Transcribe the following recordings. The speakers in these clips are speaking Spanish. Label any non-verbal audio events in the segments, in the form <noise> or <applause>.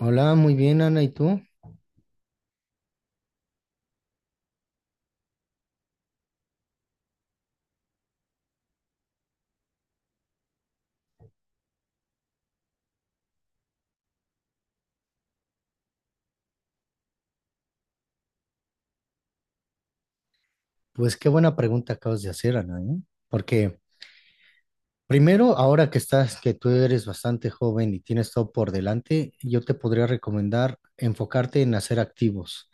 Hola, muy bien, Ana, ¿y tú? Pues qué buena pregunta acabas de hacer, Ana, ¿eh? Porque primero, ahora que estás, que tú eres bastante joven y tienes todo por delante, yo te podría recomendar enfocarte en hacer activos,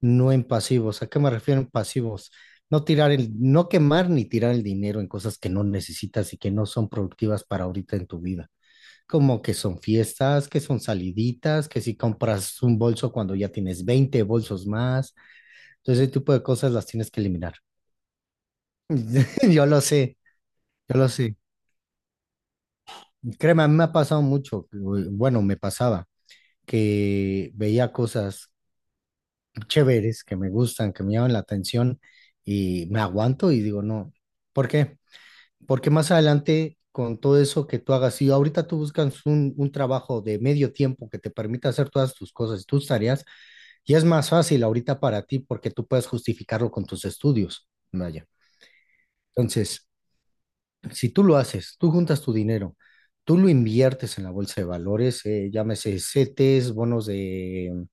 no en pasivos. ¿A qué me refiero en pasivos? No tirar no quemar ni tirar el dinero en cosas que no necesitas y que no son productivas para ahorita en tu vida. Como que son fiestas, que son saliditas, que si compras un bolso cuando ya tienes 20 bolsos más, entonces ese tipo de cosas las tienes que eliminar. <laughs> Yo lo sé, yo lo sé. Créeme, a mí me ha pasado mucho, bueno, me pasaba, que veía cosas chéveres que me gustan, que me llaman la atención y me aguanto y digo, no, ¿por qué? Porque más adelante, con todo eso que tú hagas, si ahorita tú buscas un trabajo de medio tiempo que te permita hacer todas tus cosas, tus tareas, y es más fácil ahorita para ti porque tú puedes justificarlo con tus estudios, vaya. Entonces, si tú lo haces, tú juntas tu dinero, tú lo inviertes en la bolsa de valores, llámese CETES, bonos de,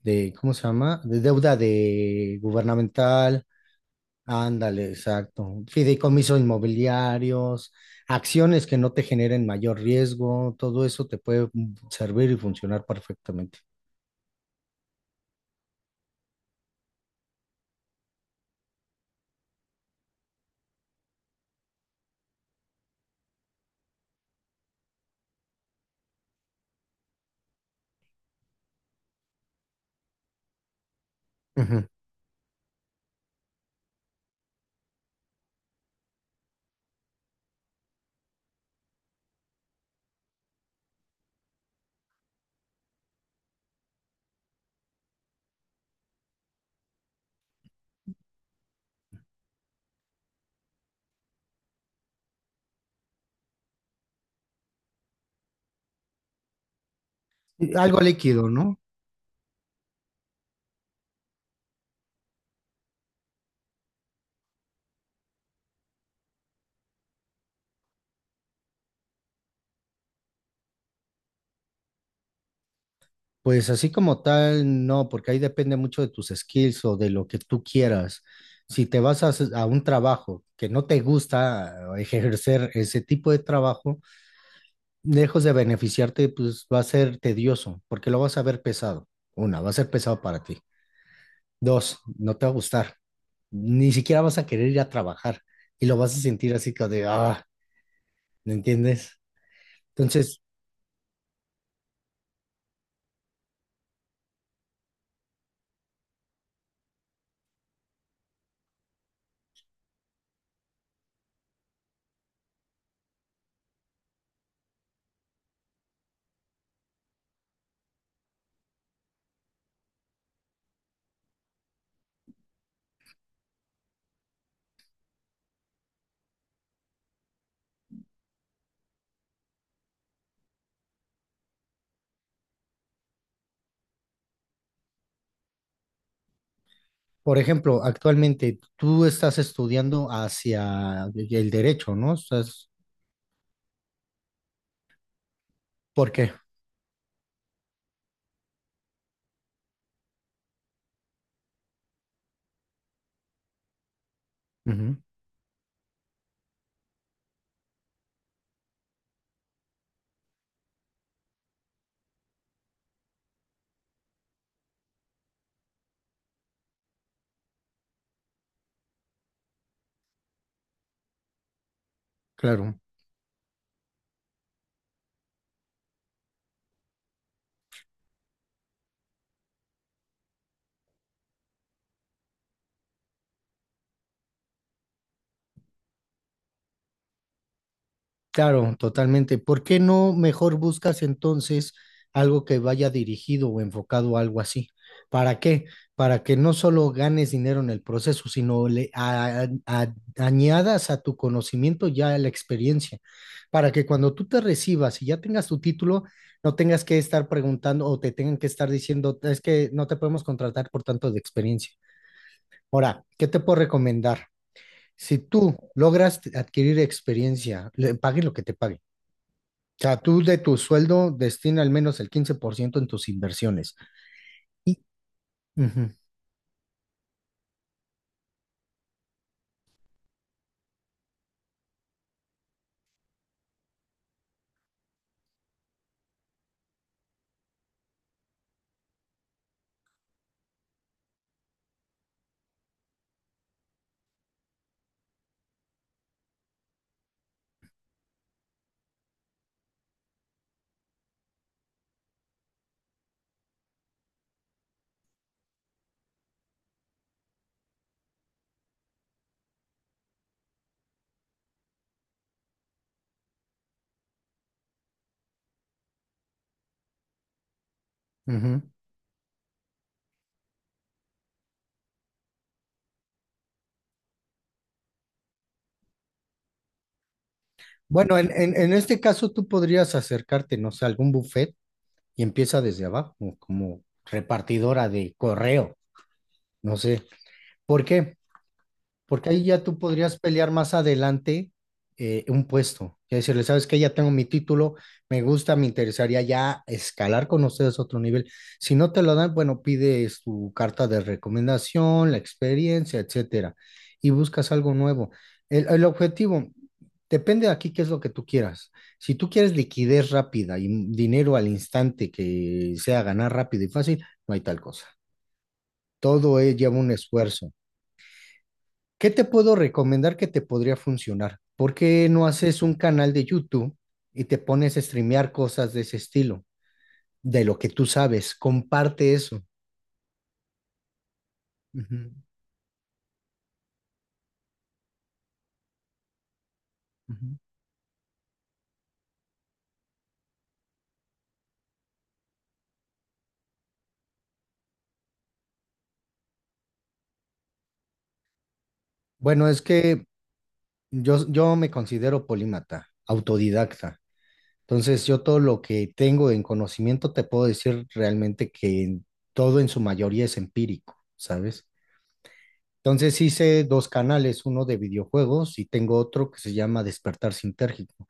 de, ¿cómo se llama? De deuda de gubernamental, ándale, exacto, fideicomisos inmobiliarios, acciones que no te generen mayor riesgo, todo eso te puede servir y funcionar perfectamente. Ujú. ¿Y algo líquido, no? Pues así como tal, no, porque ahí depende mucho de tus skills o de lo que tú quieras. Si te vas a un trabajo que no te gusta, ejercer ese tipo de trabajo, lejos de beneficiarte, pues va a ser tedioso, porque lo vas a ver pesado. Una, va a ser pesado para ti. Dos, no te va a gustar. Ni siquiera vas a querer ir a trabajar y lo vas a sentir así como de, ah, ¿me entiendes? Entonces, por ejemplo, actualmente tú estás estudiando hacia el derecho, ¿no? ¿Por qué? Ujú, claro. Claro, totalmente. ¿Por qué no mejor buscas entonces algo que vaya dirigido o enfocado a algo así? ¿Para qué? Para que no solo ganes dinero en el proceso, sino le añadas a tu conocimiento ya la experiencia, para que cuando tú te recibas y ya tengas tu título, no tengas que estar preguntando o te tengan que estar diciendo, es que no te podemos contratar por tanto de experiencia. Ahora, ¿qué te puedo recomendar? Si tú logras adquirir experiencia, le paguen lo que te paguen, o sea, tú de tu sueldo destina al menos el 15% en tus inversiones. Y, ujú, ujú. Bueno, en este caso tú podrías acercarte, no sé, a algún buffet y empieza desde abajo, como repartidora de correo, no sé. ¿Por qué? Porque ahí ya tú podrías pelear más adelante un puesto. Y decirle, sabes que ya tengo mi título, me gusta, me interesaría ya escalar con ustedes a otro nivel. Si no te lo dan, bueno, pides tu carta de recomendación, la experiencia, etcétera, y buscas algo nuevo. El objetivo depende de aquí qué es lo que tú quieras. Si tú quieres liquidez rápida y dinero al instante que sea ganar rápido y fácil, no hay tal cosa. Todo lleva un esfuerzo. ¿Qué te puedo recomendar que te podría funcionar? ¿Por qué no haces un canal de YouTube y te pones a streamear cosas de ese estilo, de lo que tú sabes? Comparte eso. Ujú, ujú. Bueno, es que yo me considero polímata, autodidacta. Entonces, yo todo lo que tengo en conocimiento te puedo decir realmente que todo en su mayoría es empírico, ¿sabes? Entonces hice dos canales, uno de videojuegos y tengo otro que se llama Despertar Sintérgico.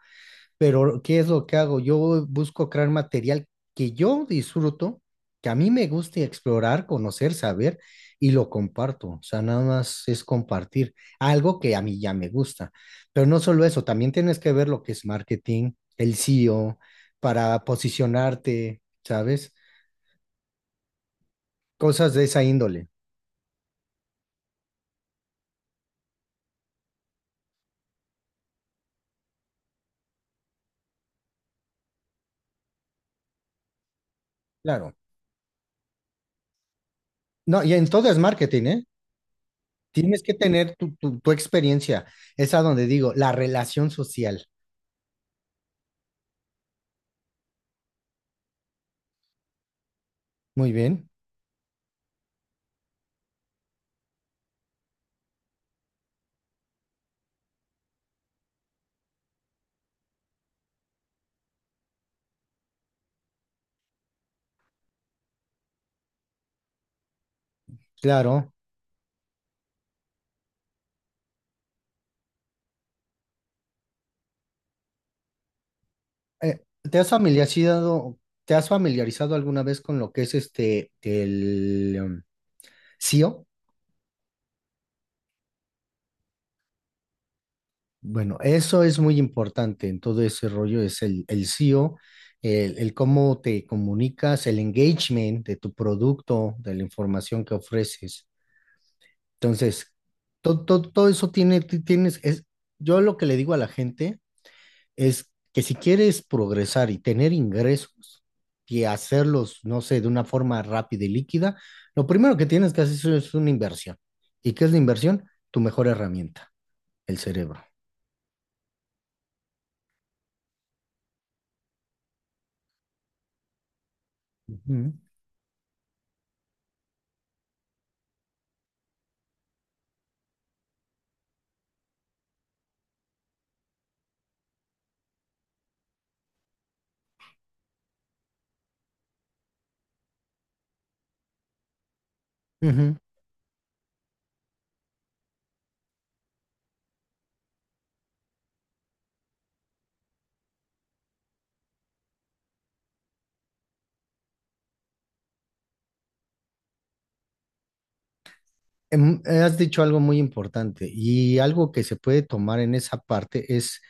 Pero ¿qué es lo que hago? Yo busco crear material que yo disfruto, que a mí me guste explorar, conocer, saber, y lo comparto. O sea, nada más es compartir algo que a mí ya me gusta. Pero no solo eso, también tienes que ver lo que es marketing, el SEO, para posicionarte, ¿sabes? Cosas de esa índole. Claro. No, y en todo es marketing, ¿eh? Tienes que tener tu experiencia. Es a donde digo, la relación social. Muy bien, claro. Eh, ¿te has familiarizado, te has familiarizado alguna vez con lo que es este, el SEO? Bueno, eso es muy importante en todo ese rollo, es el SEO, el cómo te comunicas, el engagement de tu producto, de la información que ofreces. Entonces, todo, todo, todo eso tiene, yo lo que le digo a la gente es que si quieres progresar y tener ingresos y hacerlos, no sé, de una forma rápida y líquida, lo primero que tienes que hacer es una inversión. ¿Y qué es la inversión? Tu mejor herramienta, el cerebro. Ujú, ujú. Has dicho algo muy importante y algo que se puede tomar en esa parte es,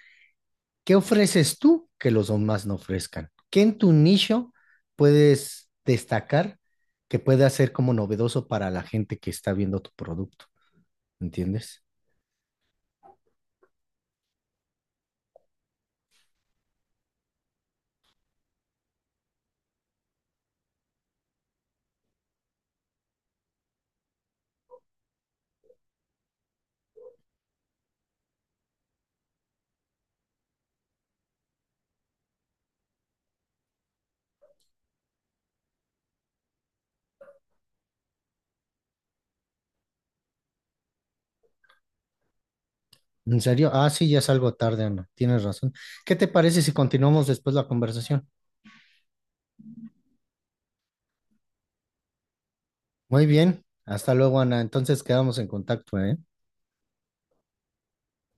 ¿qué ofreces tú que los demás no ofrezcan? ¿Qué en tu nicho puedes destacar que pueda ser como novedoso para la gente que está viendo tu producto? ¿Entiendes? ¿En serio? Ah, sí, ya es algo tarde, Ana. Tienes razón. ¿Qué te parece si continuamos después la conversación? Muy bien, hasta luego Ana, entonces quedamos en contacto, ¿eh?